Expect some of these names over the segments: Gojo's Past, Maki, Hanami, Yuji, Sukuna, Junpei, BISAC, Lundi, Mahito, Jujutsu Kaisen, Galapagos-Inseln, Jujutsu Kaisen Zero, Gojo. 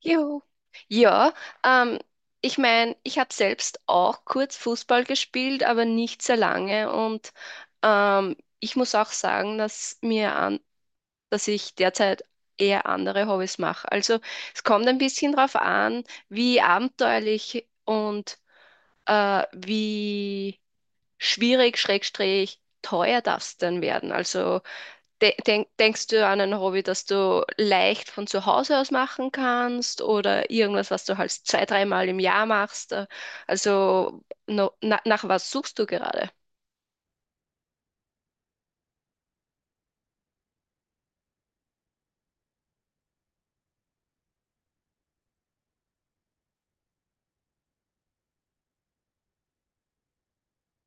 Juhu. Ja, ähm, ich meine, ich habe selbst auch kurz Fußball gespielt, aber nicht sehr lange. Und ich muss auch sagen, dass ich derzeit eher andere Hobbys mache. Also es kommt ein bisschen drauf an, wie abenteuerlich und wie schwierig, schrägstrich, teuer das denn werden. Also denkst du an ein Hobby, das du leicht von zu Hause aus machen kannst oder irgendwas, was du halt zwei, dreimal im Jahr machst? Also no, na, nach was suchst du gerade?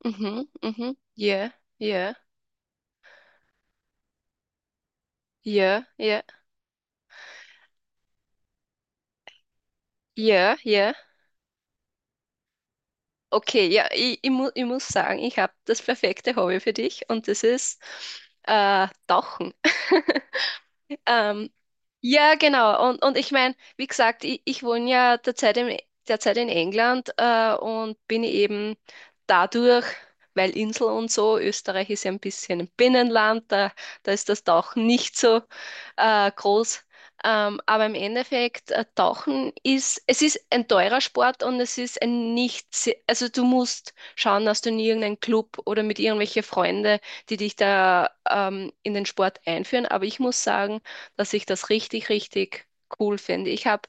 Mhm, mhm, yeah, yeah, yeah, yeah, yeah, yeah. Okay, ja, ich muss sagen, ich habe das perfekte Hobby für dich und das ist Tauchen. Ähm, Ja, genau. Und ich meine, wie gesagt, ich wohne ja derzeit in England und bin eben dadurch, weil Insel und so, Österreich ist ja ein bisschen ein Binnenland, da ist das Tauchen nicht so groß. Aber im Endeffekt, Tauchen ist, es ist ein teurer Sport und es ist ein nicht, se- also du musst schauen, dass du in irgendeinen Club oder mit irgendwelche Freunde, die dich da in den Sport einführen. Aber ich muss sagen, dass ich das richtig, richtig cool finde. Ich habe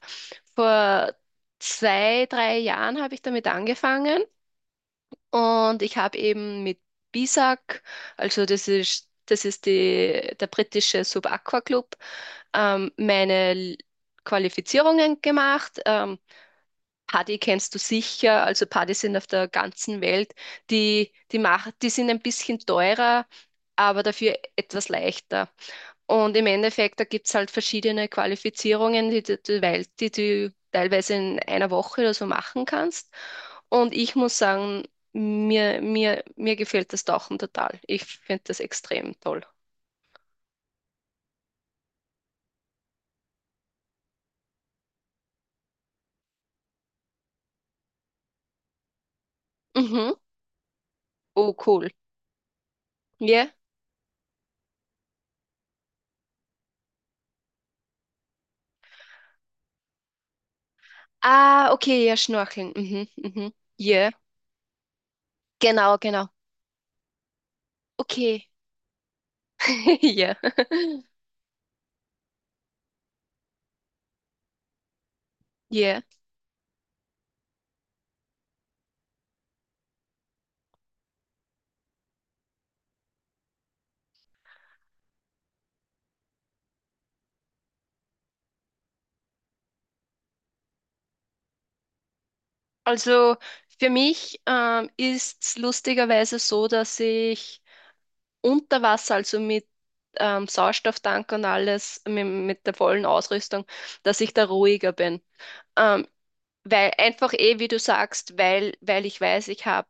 vor zwei, drei Jahren habe ich damit angefangen und ich habe eben mit BISAC, also das ist die, der britische Sub-Aqua Club, meine Qualifizierungen gemacht. Paddy kennst du sicher, also Paddy sind auf der ganzen Welt, die sind ein bisschen teurer, aber dafür etwas leichter. Und im Endeffekt, da gibt es halt verschiedene Qualifizierungen, die du teilweise in einer Woche oder so machen kannst. Und ich muss sagen, mir gefällt das Tauchen total. Ich finde das extrem toll. Mhm. Oh, cool. Ja. Ah, okay, ja, Schnorcheln. Mhm, mhm. Yeah. Genau, genau. Okay. Ja. Ja. Also für mich ist es lustigerweise so, dass ich unter Wasser, also mit Sauerstofftank und alles, mit der vollen Ausrüstung, dass ich da ruhiger bin. Ähm, Weil einfach eh, wie du sagst, weil ich weiß, ich habe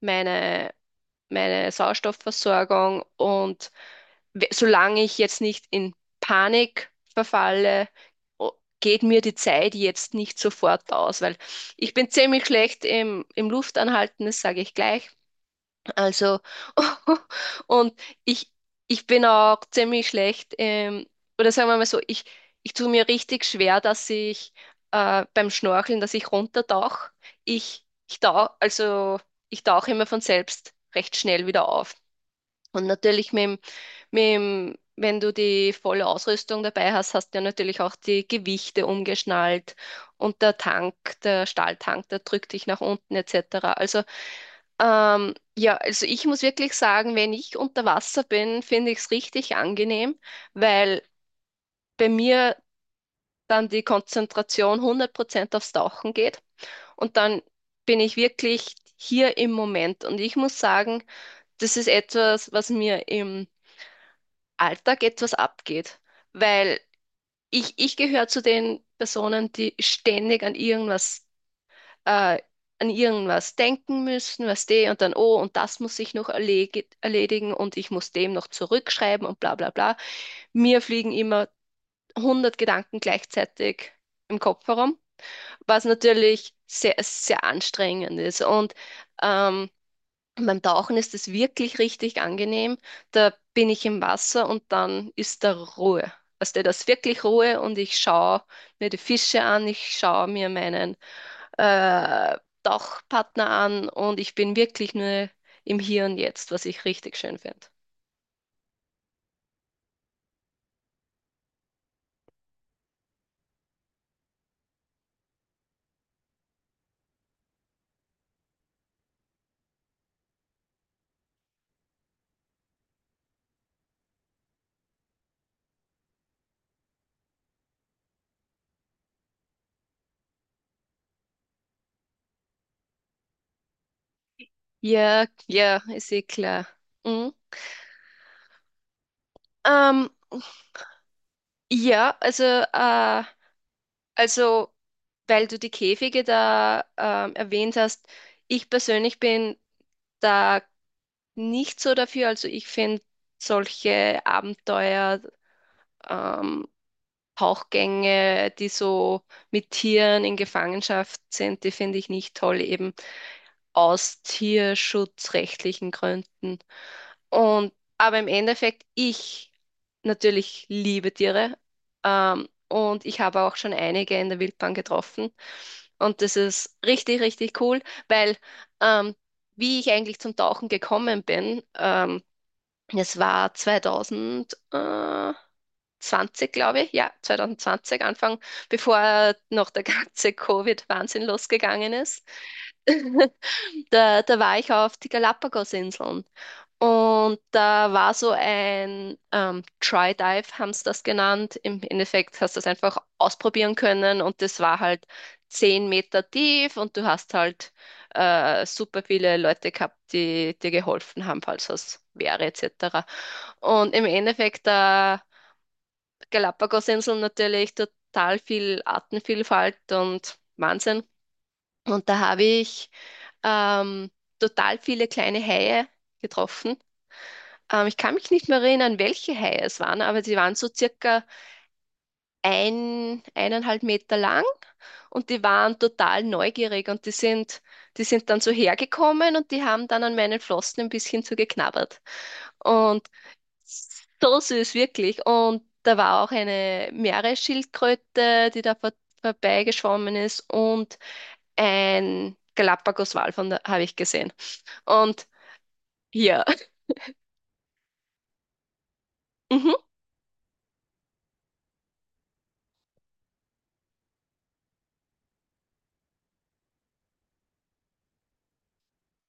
meine, meine Sauerstoffversorgung und solange ich jetzt nicht in Panik verfalle, o- geht mir die Zeit jetzt nicht sofort aus, weil ich bin ziemlich schlecht im Luftanhalten, das sage ich gleich. Also, und ich, ich bin auch ziemlich schlecht, oder sagen wir mal so, ich tue mir richtig schwer, dass ich beim Schnorcheln, dass ich runtertauche. Ich tauche, also ich tauche immer von selbst recht schnell wieder auf. Und natürlich wenn du die volle Ausrüstung dabei hast, hast du ja natürlich auch die Gewichte umgeschnallt und der Tank, der Stahltank, der drückt dich nach unten etc. Also ja, also ich muss wirklich sagen, wenn ich unter Wasser bin, finde ich es richtig angenehm, weil bei mir dann die Konzentration 100% aufs Tauchen geht und dann bin ich wirklich hier im Moment. Und ich muss sagen, das ist etwas, was mir im Alltag etwas abgeht, weil ich gehöre zu den Personen, die ständig äh, an irgendwas denken müssen, was die und dann, oh, und das muss ich noch erledigen und ich muss dem noch zurückschreiben und bla bla bla. Mir fliegen immer 100 Gedanken gleichzeitig im Kopf herum, was natürlich sehr, sehr anstrengend ist. Und ähm, beim Tauchen ist es wirklich richtig angenehm. Da bin ich im Wasser und dann ist da Ruhe. Also da ist wirklich Ruhe und ich schaue mir die Fische an, ich schaue mir meinen äh, Tauchpartner an und ich bin wirklich nur im Hier und Jetzt, was ich richtig schön finde. Ja, ja, ist eh klar. Mhm. Ähm, ja, also, weil du die Käfige da erwähnt hast, ich persönlich bin da nicht so dafür. Also ich finde solche Abenteuer, ähm, Tauchgänge, die so mit Tieren in Gefangenschaft sind, die finde ich nicht toll eben, aus tierschutzrechtlichen Gründen. Aber im Endeffekt, ich natürlich liebe Tiere, und ich habe auch schon einige in der Wildbahn getroffen. Und das ist richtig, richtig cool, weil ähm, wie ich eigentlich zum Tauchen gekommen bin, es war 2000, 20, glaube ich, ja, 2020 Anfang, bevor noch der ganze Covid-Wahnsinn losgegangen ist. Da war ich auf die Galapagos-Inseln und da war so ein Try Dive, haben sie das genannt. Im Endeffekt hast du das einfach ausprobieren können und das war halt 10 Meter tief und du hast halt super viele Leute gehabt, die dir geholfen haben, falls was wäre etc. Und im Endeffekt Galapagosinseln natürlich total viel Artenvielfalt und Wahnsinn. Und da habe ich ähm, total viele kleine Haie getroffen. Ich kann mich nicht mehr erinnern, welche Haie es waren, aber die waren so circa 1,5 Meter lang und die waren total neugierig und die sind dann so hergekommen und die haben dann an meinen Flossen ein bisschen so geknabbert. Und so süß, wirklich. Und da war auch eine Meeresschildkröte, die da vorbeigeschwommen ist und ein Galapagoswal von da habe ich gesehen. Und hier. Mhm.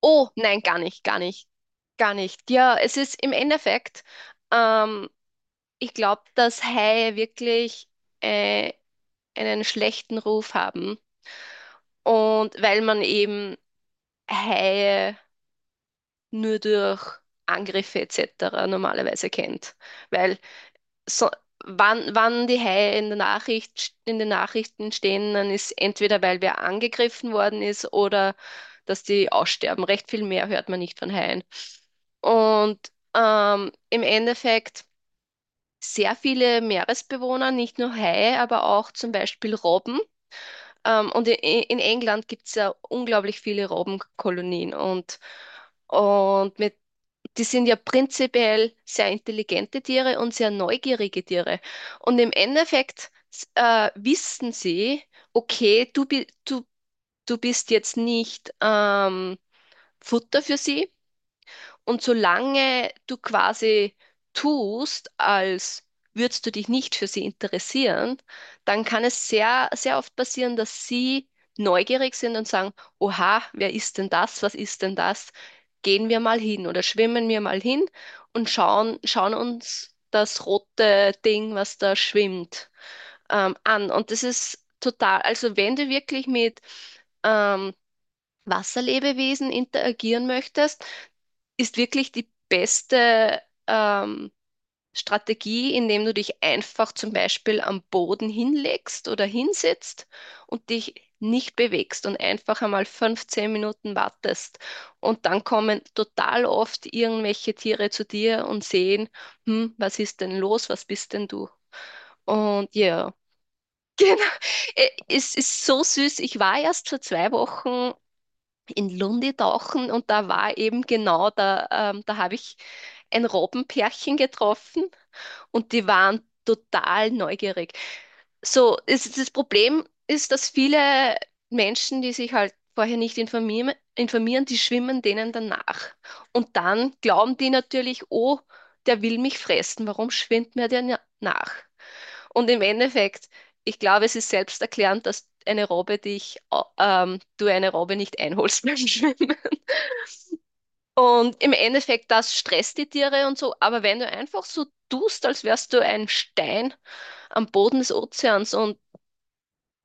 Oh, nein, gar nicht, gar nicht, gar nicht. Ja, es ist im Endeffekt, ähm, ich glaube, dass Haie wirklich äh, einen schlechten Ruf haben. Und weil man eben Haie nur durch Angriffe etc. normalerweise kennt. Weil so, wann die Haie in der Nachricht, in den Nachrichten stehen, dann ist entweder, weil wer angegriffen worden ist oder dass die aussterben. Recht viel mehr hört man nicht von Haien. Und im Endeffekt sehr viele Meeresbewohner, nicht nur Haie, aber auch zum Beispiel Robben. Und in England gibt es ja unglaublich viele Robbenkolonien. Und mit die sind ja prinzipiell sehr intelligente Tiere und sehr neugierige Tiere. Und im Endeffekt wissen sie, okay, du bist jetzt nicht Futter für sie, und solange du quasi tust, als würdest du dich nicht für sie interessieren, dann kann es sehr, sehr oft passieren, dass sie neugierig sind und sagen, Oha, wer ist denn das? Was ist denn das? Gehen wir mal hin oder schwimmen wir mal hin und schauen uns das rote Ding, was da schwimmt, an. Und das ist total, also wenn du wirklich mit ähm, Wasserlebewesen interagieren möchtest, ist wirklich die beste ähm, Strategie, indem du dich einfach zum Beispiel am Boden hinlegst oder hinsetzt und dich nicht bewegst und einfach einmal 15 Minuten wartest. Und dann kommen total oft irgendwelche Tiere zu dir und sehen, hm, was ist denn los, was bist denn du? Und ja, genau, es ist so süß. Ich war erst vor 2 Wochen in Lundi tauchen und da war eben genau da, da habe ich ein Robbenpärchen getroffen und die waren total neugierig. So, das Problem ist, dass viele Menschen, die sich halt vorher nicht informieren, die schwimmen denen danach. Und dann glauben die natürlich, oh, der will mich fressen, warum schwimmt mir der nach? Und im Endeffekt, ich glaube, es ist selbsterklärend, dass eine Robbe du eine Robbe nicht einholst beim Schwimmen. Und im Endeffekt, das stresst die Tiere und so. Aber wenn du einfach so tust, als wärst du ein Stein am Boden des Ozeans und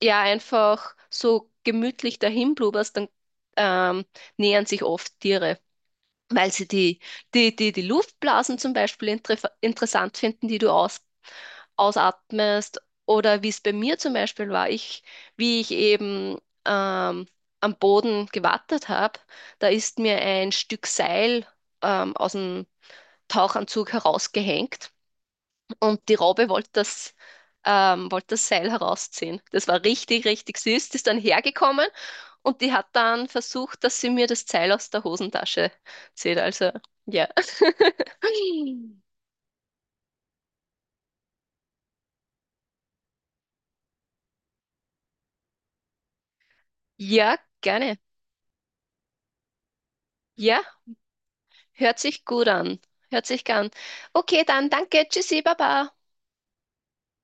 ja, einfach so gemütlich dahin blubberst, dann ähm, nähern sich oft Tiere, weil sie die Luftblasen zum Beispiel interessant finden, die du ausatmest oder wie es bei mir zum Beispiel war, wie ich eben ähm, am Boden gewartet habe, da ist mir ein Stück Seil aus dem Tauchanzug herausgehängt und die Robbe wollte das Seil herausziehen. Das war richtig, richtig süß. Die ist dann hergekommen und die hat dann versucht, dass sie mir das Seil aus der Hosentasche zieht. Also, ja. Ja, gerne. Ja. Hört sich gut an. Hört sich gern. Okay, dann danke. Tschüssi, Baba.